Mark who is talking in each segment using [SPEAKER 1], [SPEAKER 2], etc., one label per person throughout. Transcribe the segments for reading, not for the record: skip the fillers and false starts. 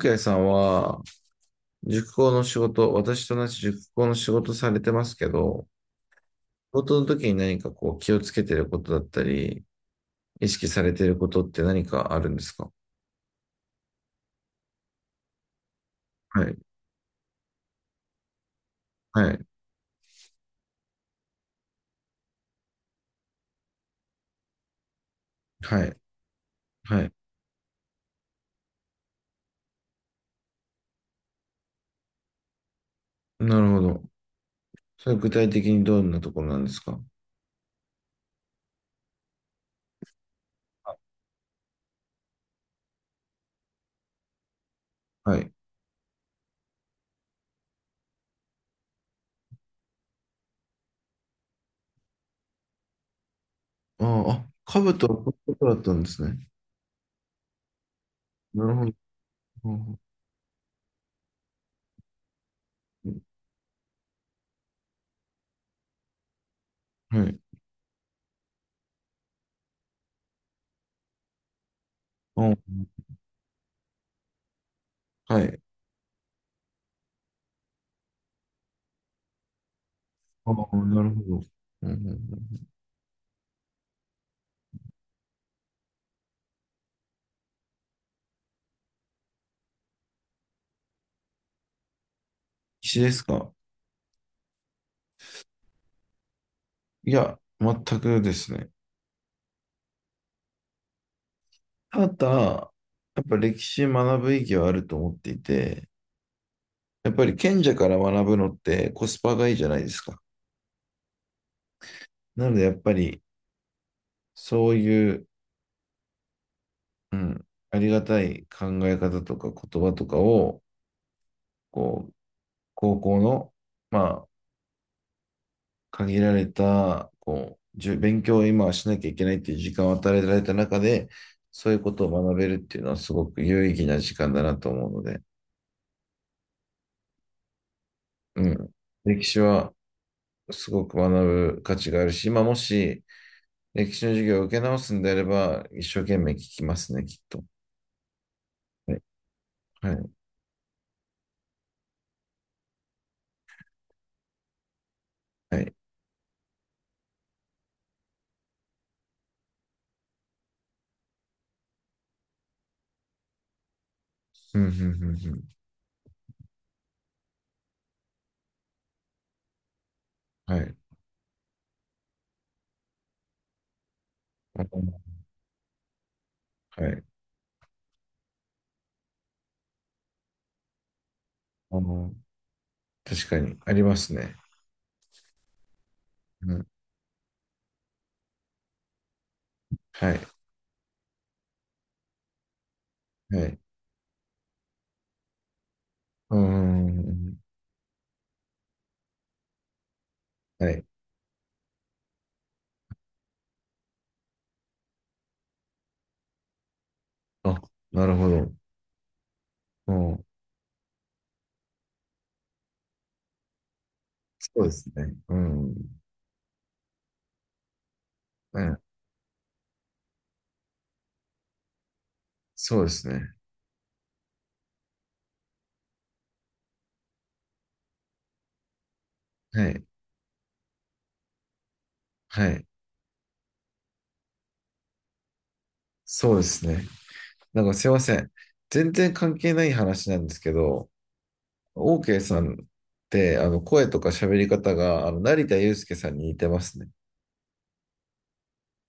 [SPEAKER 1] ケーさんは、塾講の仕事、私と同じ塾講の仕事されてますけど、仕事の時に何かこう気をつけてることだったり、意識されてることって何かあるんですか？はい、はい、はい、はい。なるほど。それ具体的にどんなところなんですか？はい。ああ、兜はこういうことだったんですね。なるほど。はい。ああ、はい。ああ、なるほど。うんうんうん、必死ですか？いや、全くですね。ただ、やっぱ歴史学ぶ意義はあると思っていて、やっぱり賢者から学ぶのってコスパがいいじゃないですか。なのでやっぱりそういう、うん、ありがたい考え方とか言葉とかを、こう、高校の、まあ、限られた、こう、勉強を今はしなきゃいけないっていう時間を与えられた中で、そういうことを学べるっていうのはすごく有意義な時間だなと思うので、うん、歴史はすごく学ぶ価値があるし、まあ、もし、歴史の授業を受け直すんであれば、一生懸命聞きますね、きっと。はい。はい。はい。うん、うん、うん、うん。はい。あのはい。あの、確かに、ありますね。うん。はい。はい。うーん。はい。あ、なるほど。うん。そうですね。うん。うん。そうですね。はい。はい。そうですね。なんかすいません。全然関係ない話なんですけど、オーケーさんって、声とか喋り方が、成田悠輔さんに似てますね。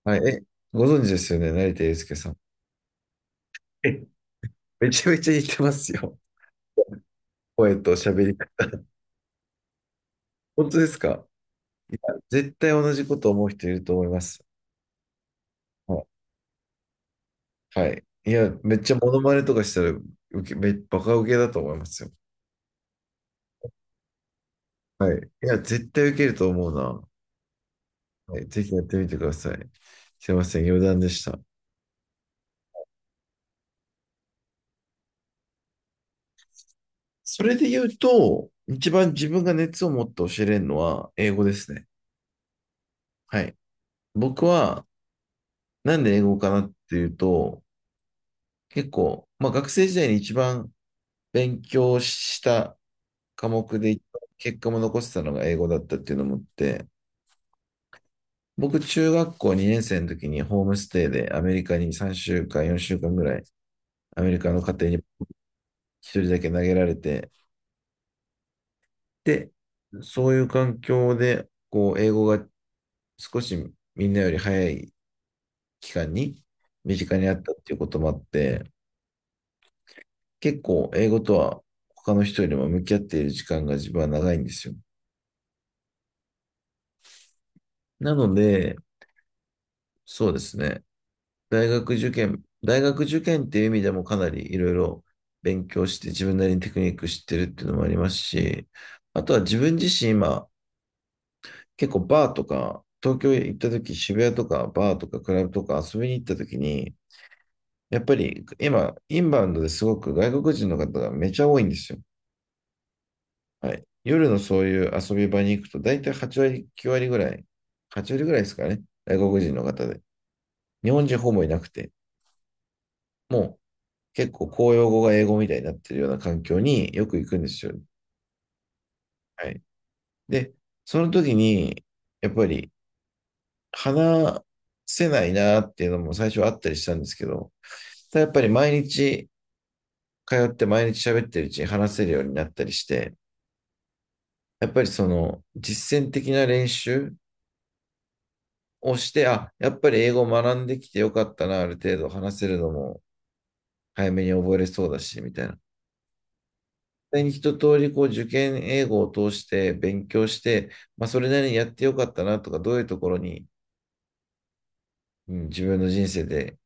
[SPEAKER 1] はい、え、ご存知ですよね、成田悠輔さん。え、めちゃめちゃ似てますよ。声と喋り方。本当ですか？いや、絶対同じこと思う人いると思います。はい。はい。いや、めっちゃモノマネとかしたら、受け、め、バカ受けだと思いますよ。はい。いや、絶対受けると思うな。はい、ぜひやってみてください。すいません、余談でした。それで言うと、一番自分が熱を持って教えれるのは英語ですね。はい。僕は、なんで英語かなっていうと、結構、まあ学生時代に一番勉強した科目で結果も残してたのが英語だったっていうのもあって、僕中学校2年生の時にホームステイでアメリカに3週間、4週間ぐらいアメリカの家庭に一人だけ投げられて、で、そういう環境で、こう、英語が少しみんなより早い期間に身近にあったっていうこともあって、結構英語とは他の人よりも向き合っている時間が自分は長いんですよ。なので、そうですね。大学受験っていう意味でもかなりいろいろ勉強して自分なりにテクニック知ってるっていうのもありますし、あとは自分自身今結構バーとか東京行った時渋谷とかバーとかクラブとか遊びに行った時に、やっぱり今インバウンドですごく外国人の方がめちゃ多いんですよ。はい。夜のそういう遊び場に行くと大体8割、9割ぐらい、8割ぐらいですかね。外国人の方で。日本人ほぼいなくて。もう結構公用語が英語みたいになってるような環境によく行くんですよ。はい。で、その時に、やっぱり話せないなっていうのも最初はあったりしたんですけど、ただやっぱり毎日通って毎日喋ってるうちに話せるようになったりして、やっぱりその実践的な練習をして、あ、やっぱり英語を学んできてよかったな、ある程度話せるのも早めに覚えれそうだし、みたいな。際に一通りこう受験英語を通して勉強して、まあ、それなりにやってよかったなとか、どういうところに、うん、自分の人生で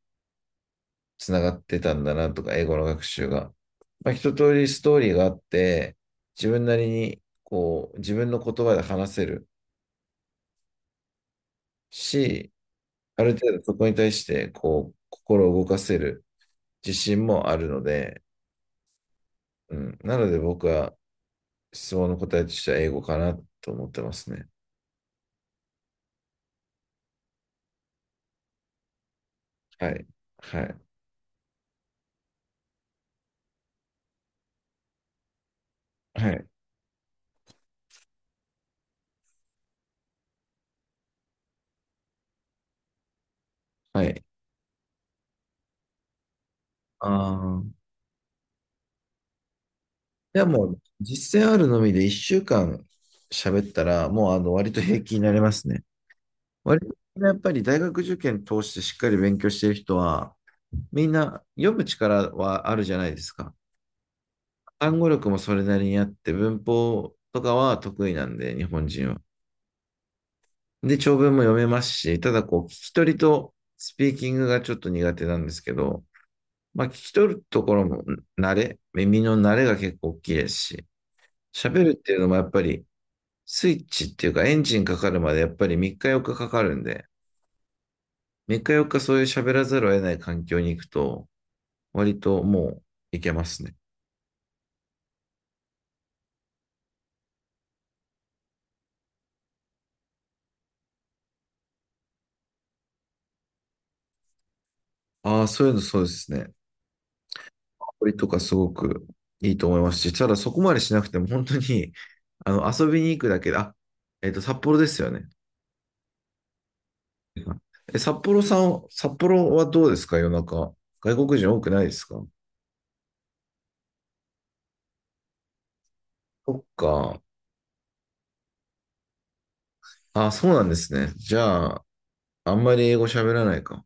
[SPEAKER 1] つながってたんだなとか、英語の学習が。まあ、一通りストーリーがあって、自分なりにこう自分の言葉で話せるし、ある程度そこに対してこう心を動かせる自信もあるので、うん、なので僕は質問の答えとしては英語かなと思ってますね。はい。はい。はい。はい。ああ。でもう、実践あるのみで1週間喋ったら、もう割と平気になりますね。割とやっぱり大学受験通してしっかり勉強してる人は、みんな読む力はあるじゃないですか。単語力もそれなりにあって、文法とかは得意なんで、日本人は。で、長文も読めますし、ただこう、聞き取りとスピーキングがちょっと苦手なんですけど、まあ、聞き取るところも耳の慣れが結構大きいですし、喋るっていうのもやっぱり、スイッチっていうかエンジンかかるまでやっぱり3日4日かかかるんで、3日4日そういう喋らざるを得ない環境に行くと、割ともういけますね。ああ、そういうのそうですね。これとかすごくいいと思いますし、ただそこまでしなくても本当に、遊びに行くだけで、あ、札幌ですよね。え、札幌さん、札幌はどうですか？夜中、外国人多くないですか？そっか。あ、そうなんですね。じゃあ、あんまり英語喋らないか。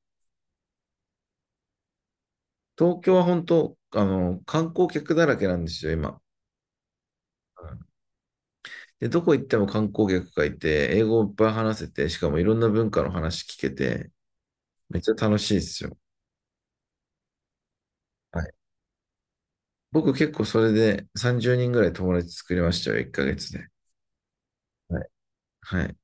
[SPEAKER 1] 東京は本当、観光客だらけなんですよ、今。で、どこ行っても観光客がいて、英語をいっぱい話せて、しかもいろんな文化の話聞けて、めっちゃ楽しいですよ。はい。僕結構それで30人ぐらい友達作りましたよ、1ヶ月で。はい。はい。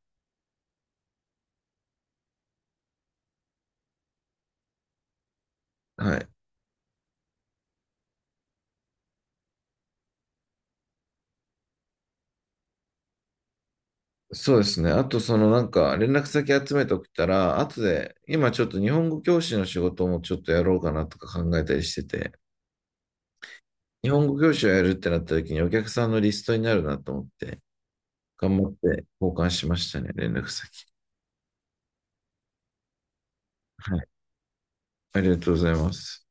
[SPEAKER 1] はい。そうですね。あと、連絡先集めておくたら、後で、今ちょっと日本語教師の仕事もちょっとやろうかなとか考えたりしてて、日本語教師をやるってなった時にお客さんのリストになるなと思って、頑張って交換しましたね、連絡先。はい。ありがとうございます。